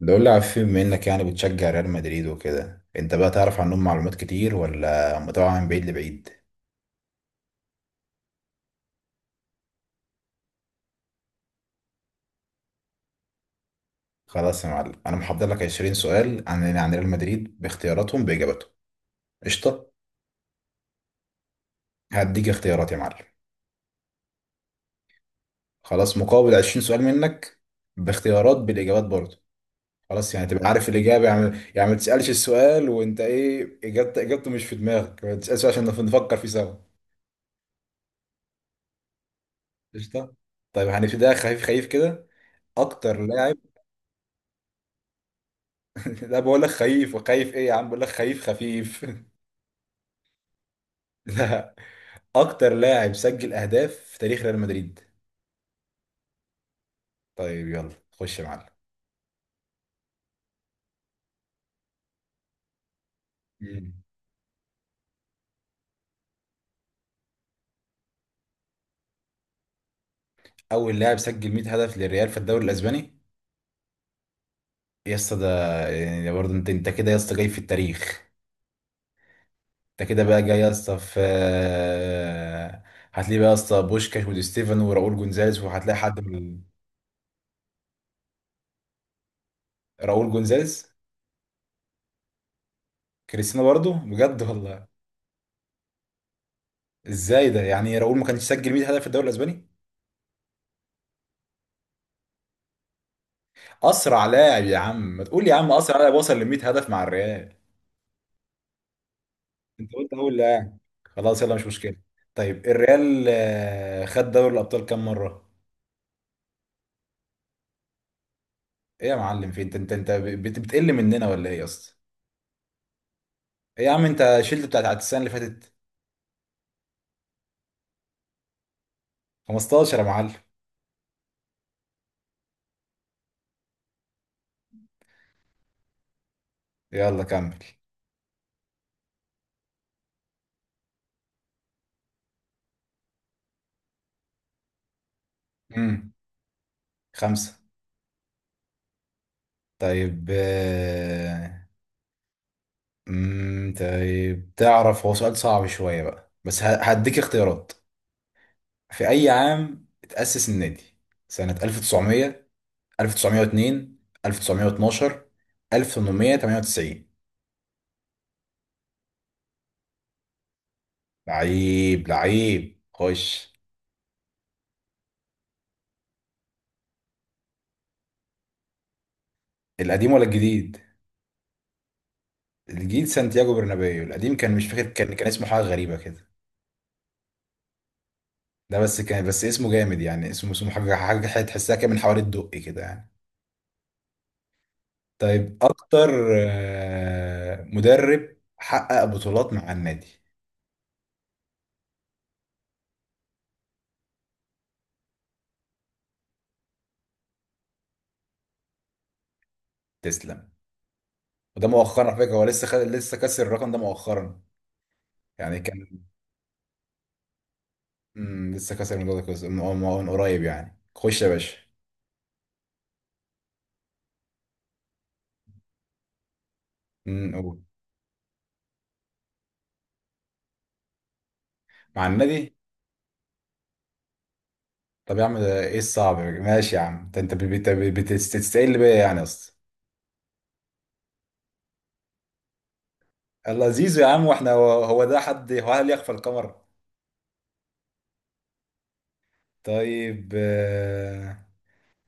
ده قول لي على فيلم، بما انك يعني بتشجع ريال مدريد وكده انت بقى تعرف عنهم معلومات كتير ولا متابعة من بعيد لبعيد؟ خلاص يا معلم، انا محضر لك 20 سؤال عن ريال مدريد باختياراتهم باجابتهم. قشطة. هديك اختيارات يا معلم. خلاص مقابل 20 سؤال منك، باختيارات بالاجابات برضه. خلاص يعني تبقى عارف الاجابة، يعني ما تسألش السؤال وانت ايه اجابته اجابته مش في دماغك، ما تسألش عشان نفكر فيه سوا. قشطة. طيب هنبتدي خفيف خفيف كده. اكتر لاعب. لا بقول لك خيف، وخيف ايه يا عم، بقول لك خيف، خفيف لا. اكتر لاعب سجل اهداف في تاريخ ريال مدريد. طيب يلا خش يا معلم. مم. اول لاعب سجل 100 هدف للريال في الدوري الاسباني. يا اسطى ده، يعني ده برضه انت كده يا اسطى جاي في التاريخ. انت كده بقى جاي يا اسطى في. هتلاقي بقى يا اسطى بوشكاش ودي ستيفن وراؤول جونزاليز، وهتلاقي حد من. راؤول جونزاليز. كريستيانو برضه؟ بجد والله؟ ازاي ده، يعني راؤول ما كانش سجل 100 هدف في الدوري الاسباني؟ اسرع لاعب يا عم، ما تقول يا عم اسرع لاعب وصل ل 100 هدف مع الريال. انت قلت اول لاعب. خلاص يلا، مش مشكله. طيب الريال خد دوري الابطال كام مره؟ ايه يا معلم، في انت بتقل مننا ولا ايه يا اسطى؟ ايه يا عم، انت شلت بتاعت السنه اللي فاتت؟ 15 يا معلم. يلا كمل. امم خمسه. طيب. طيب تعرف، هو سؤال صعب شويه بقى بس هديك اختيارات. في اي عام اتأسس النادي؟ سنة 1900، 1902، 1912، 1898. لعيب لعيب خش. القديم ولا الجديد؟ الجديد سانتياغو برنابيو، القديم كان مش فاكر، كان اسمه حاجه غريبه كده. ده بس كان بس اسمه جامد يعني اسمه حاجه حاجه حاجة تحسها كده من حوالي الدقي كده يعني. طيب اكتر مدرب حقق بطولات مع النادي. تسلم. وده مؤخرا على فكره، هو لسه كسر الرقم ده مؤخرا. يعني كان. لسه كسر الموضوع ده من قريب يعني، خش يا باشا. قول. مع النبي. طب يا عم ده ايه الصعب، ماشي يا عم ده انت بتستقل بيا يعني اصلا. لذيذ يا عم، واحنا هو ده حد، هو هل يخفى القمر. طيب.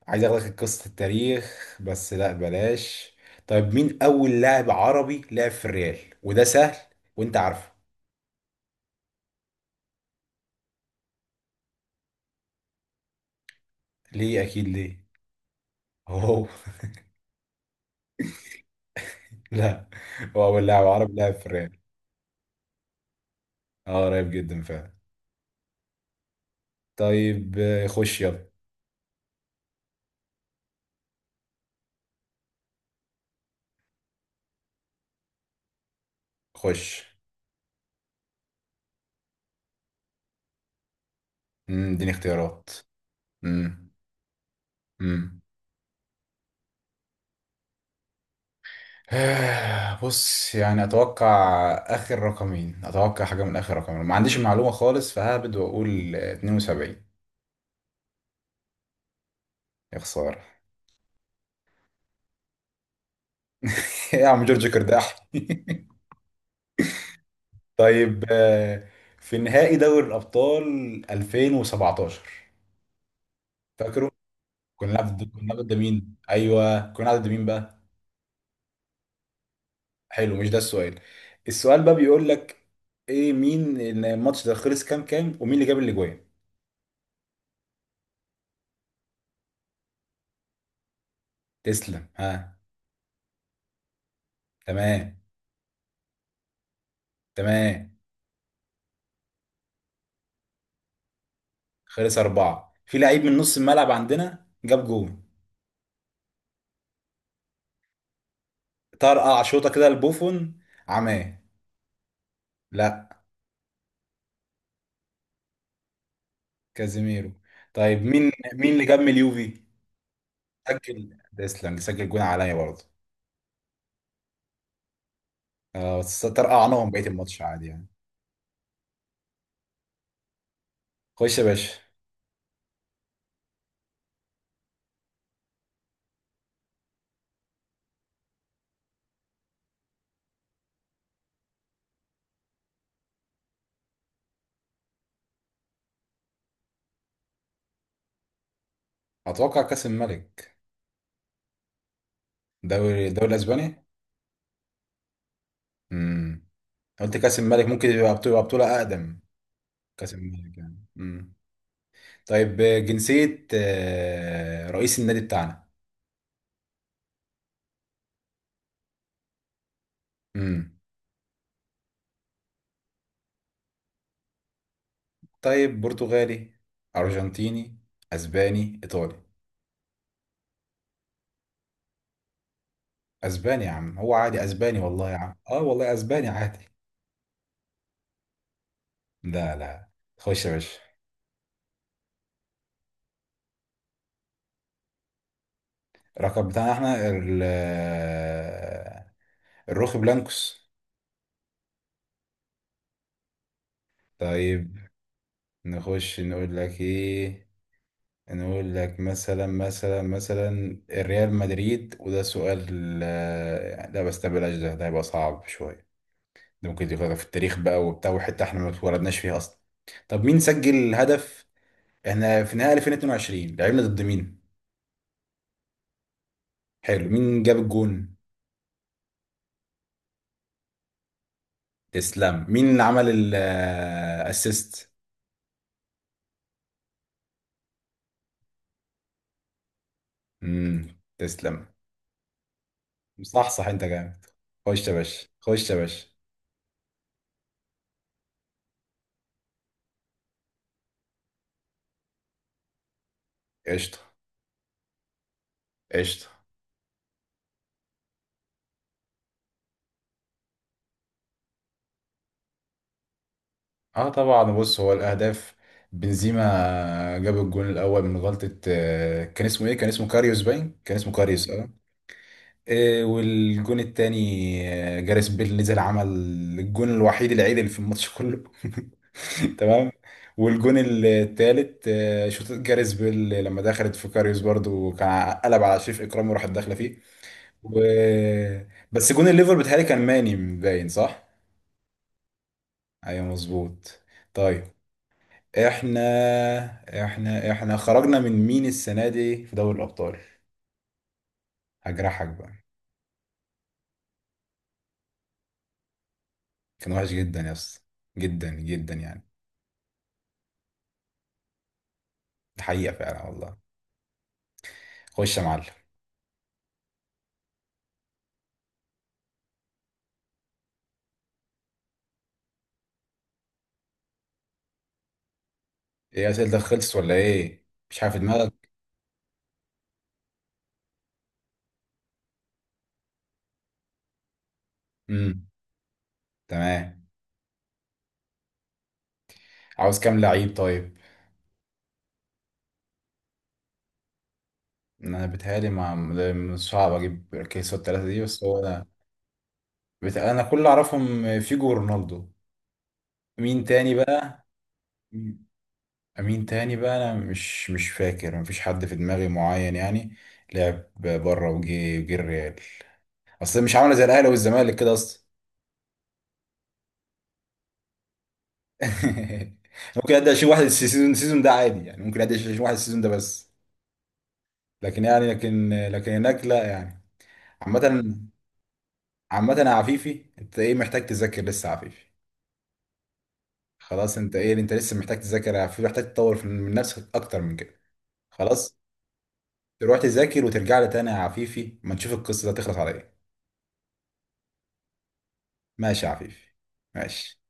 عايز اخدك قصة التاريخ بس لا بلاش. طيب مين اول لاعب عربي لعب في الريال؟ وده سهل وانت عارفه. ليه اكيد، ليه. هو. لا. هو اول لاعب عربي لعب في الريال. اه قريب جدا فعلا. طيب خش يلا. خش. اديني اختيارات. مم. مم. بص يعني اتوقع. اخر رقمين اتوقع حاجه من اخر رقمين، ما عنديش معلومه خالص، فهبد واقول 72. يا خساره. يا عم جورج كرداح. طيب. في نهائي دوري الابطال 2017. فاكره. كنا بنلعب ضد مين، ايوه كنا بنلعب ضد مين بقى. حلو مش ده السؤال. السؤال بقى بيقول لك ايه، مين الماتش ده خلص كام كام، ومين اللي جاب الاجوان. تسلم، ها. تمام. تمام. خلص أربعة، في لعيب من نص الملعب عندنا جاب جون. طرقع شوطة كده لبوفون. عماه. لا، كازيميرو. طيب مين اللي جاب من اليوفي؟ سجل ديسلانج، سجل جون عليا برضه. اه بس طرقعناهم بقية الماتش عادي يعني. خش يا باشا. أتوقع كأس الملك. الدوري الأسباني. امم. قلت كأس الملك ممكن يبقى بطولة أقدم. كأس الملك يعني. طيب جنسية رئيس النادي بتاعنا. امم. طيب برتغالي، أرجنتيني، أسباني، إيطالي. أسباني يا عم، هو عادي أسباني والله يا عم، آه والله أسباني عادي. لا، لا. خش يا باشا. الرقم بتاعنا احنا ال. الروخ بلانكوس. طيب. نخش نقول لك ايه. نقول لك مثلا الريال مدريد وده سؤال. لا بس ده بلاش، ده هيبقى صعب شوية. ده ممكن يكون في التاريخ بقى وبتاع وحتة احنا ما اتولدناش فيها أصلا. طب مين سجل هدف؟ احنا في نهائي 2022 لعبنا ضد مين؟ حلو، مين جاب الجون؟ تسلم، مين اللي عمل الاسيست؟ امم. تسلم. صح، صح، انت جامد. خش يا باشا، خش يا باشا. قشطة. قشطة. اه طبعا، بص هو الاهداف. بنزيما. جاب الجون الاول من غلطة، كان اسمه ايه؟ كان اسمه كاريوس باين؟ كان اسمه كاريوس اه. إيه، والجون التاني جاريس بيل نزل عمل الجون الوحيد العدل في الماتش كله. تمام. والجون التالت شوط جاريس بيل لما دخلت في كاريوس برضو، كان قلب على شريف اكرامي وراحت داخله فيه. و... بس جون الليفر بتهيألي كان ماني باين صح؟ ايوه مظبوط. طيب. احنا احنا خرجنا من مين السنه دي في دوري الابطال؟ هجرحك بقى. كان وحش جدا يا اسطى. جدا جدا يعني. حقيقة فعلا والله. خش يا معلم. ايه اسئلتك خلصت ولا ايه؟ مش عارف دماغك. امم. تمام. عاوز كام لعيب طيب. انا بتهيألي ما صعب اجيب كيس الثلاثة دي بس هو انا. انا كل اللي اعرفهم فيجو ورونالدو. مين تاني بقى. مين تاني بقى، انا مش فاكر، مفيش حد في دماغي معين يعني. لعب بره وجي الريال. اصل مش عامله زي الاهلي والزمالك كده اصلا. ممكن ادي اشيل واحد السيزون ده عادي يعني، ممكن ادي اشيل واحد السيزون ده بس. لكن يعني لكن هناك لا يعني. عامة. عامة يا عفيفي، انت ايه محتاج تذاكر لسه يا عفيفي؟ خلاص انت ايه، انت لسه محتاج تذاكر يا عفيفي، محتاج تطور من نفسك اكتر من كده. خلاص. تروح تذاكر وترجع لي تاني يا عفيفي، ما تشوف القصة دي هتخلص على ايه. ماشي يا عفيفي. ماشي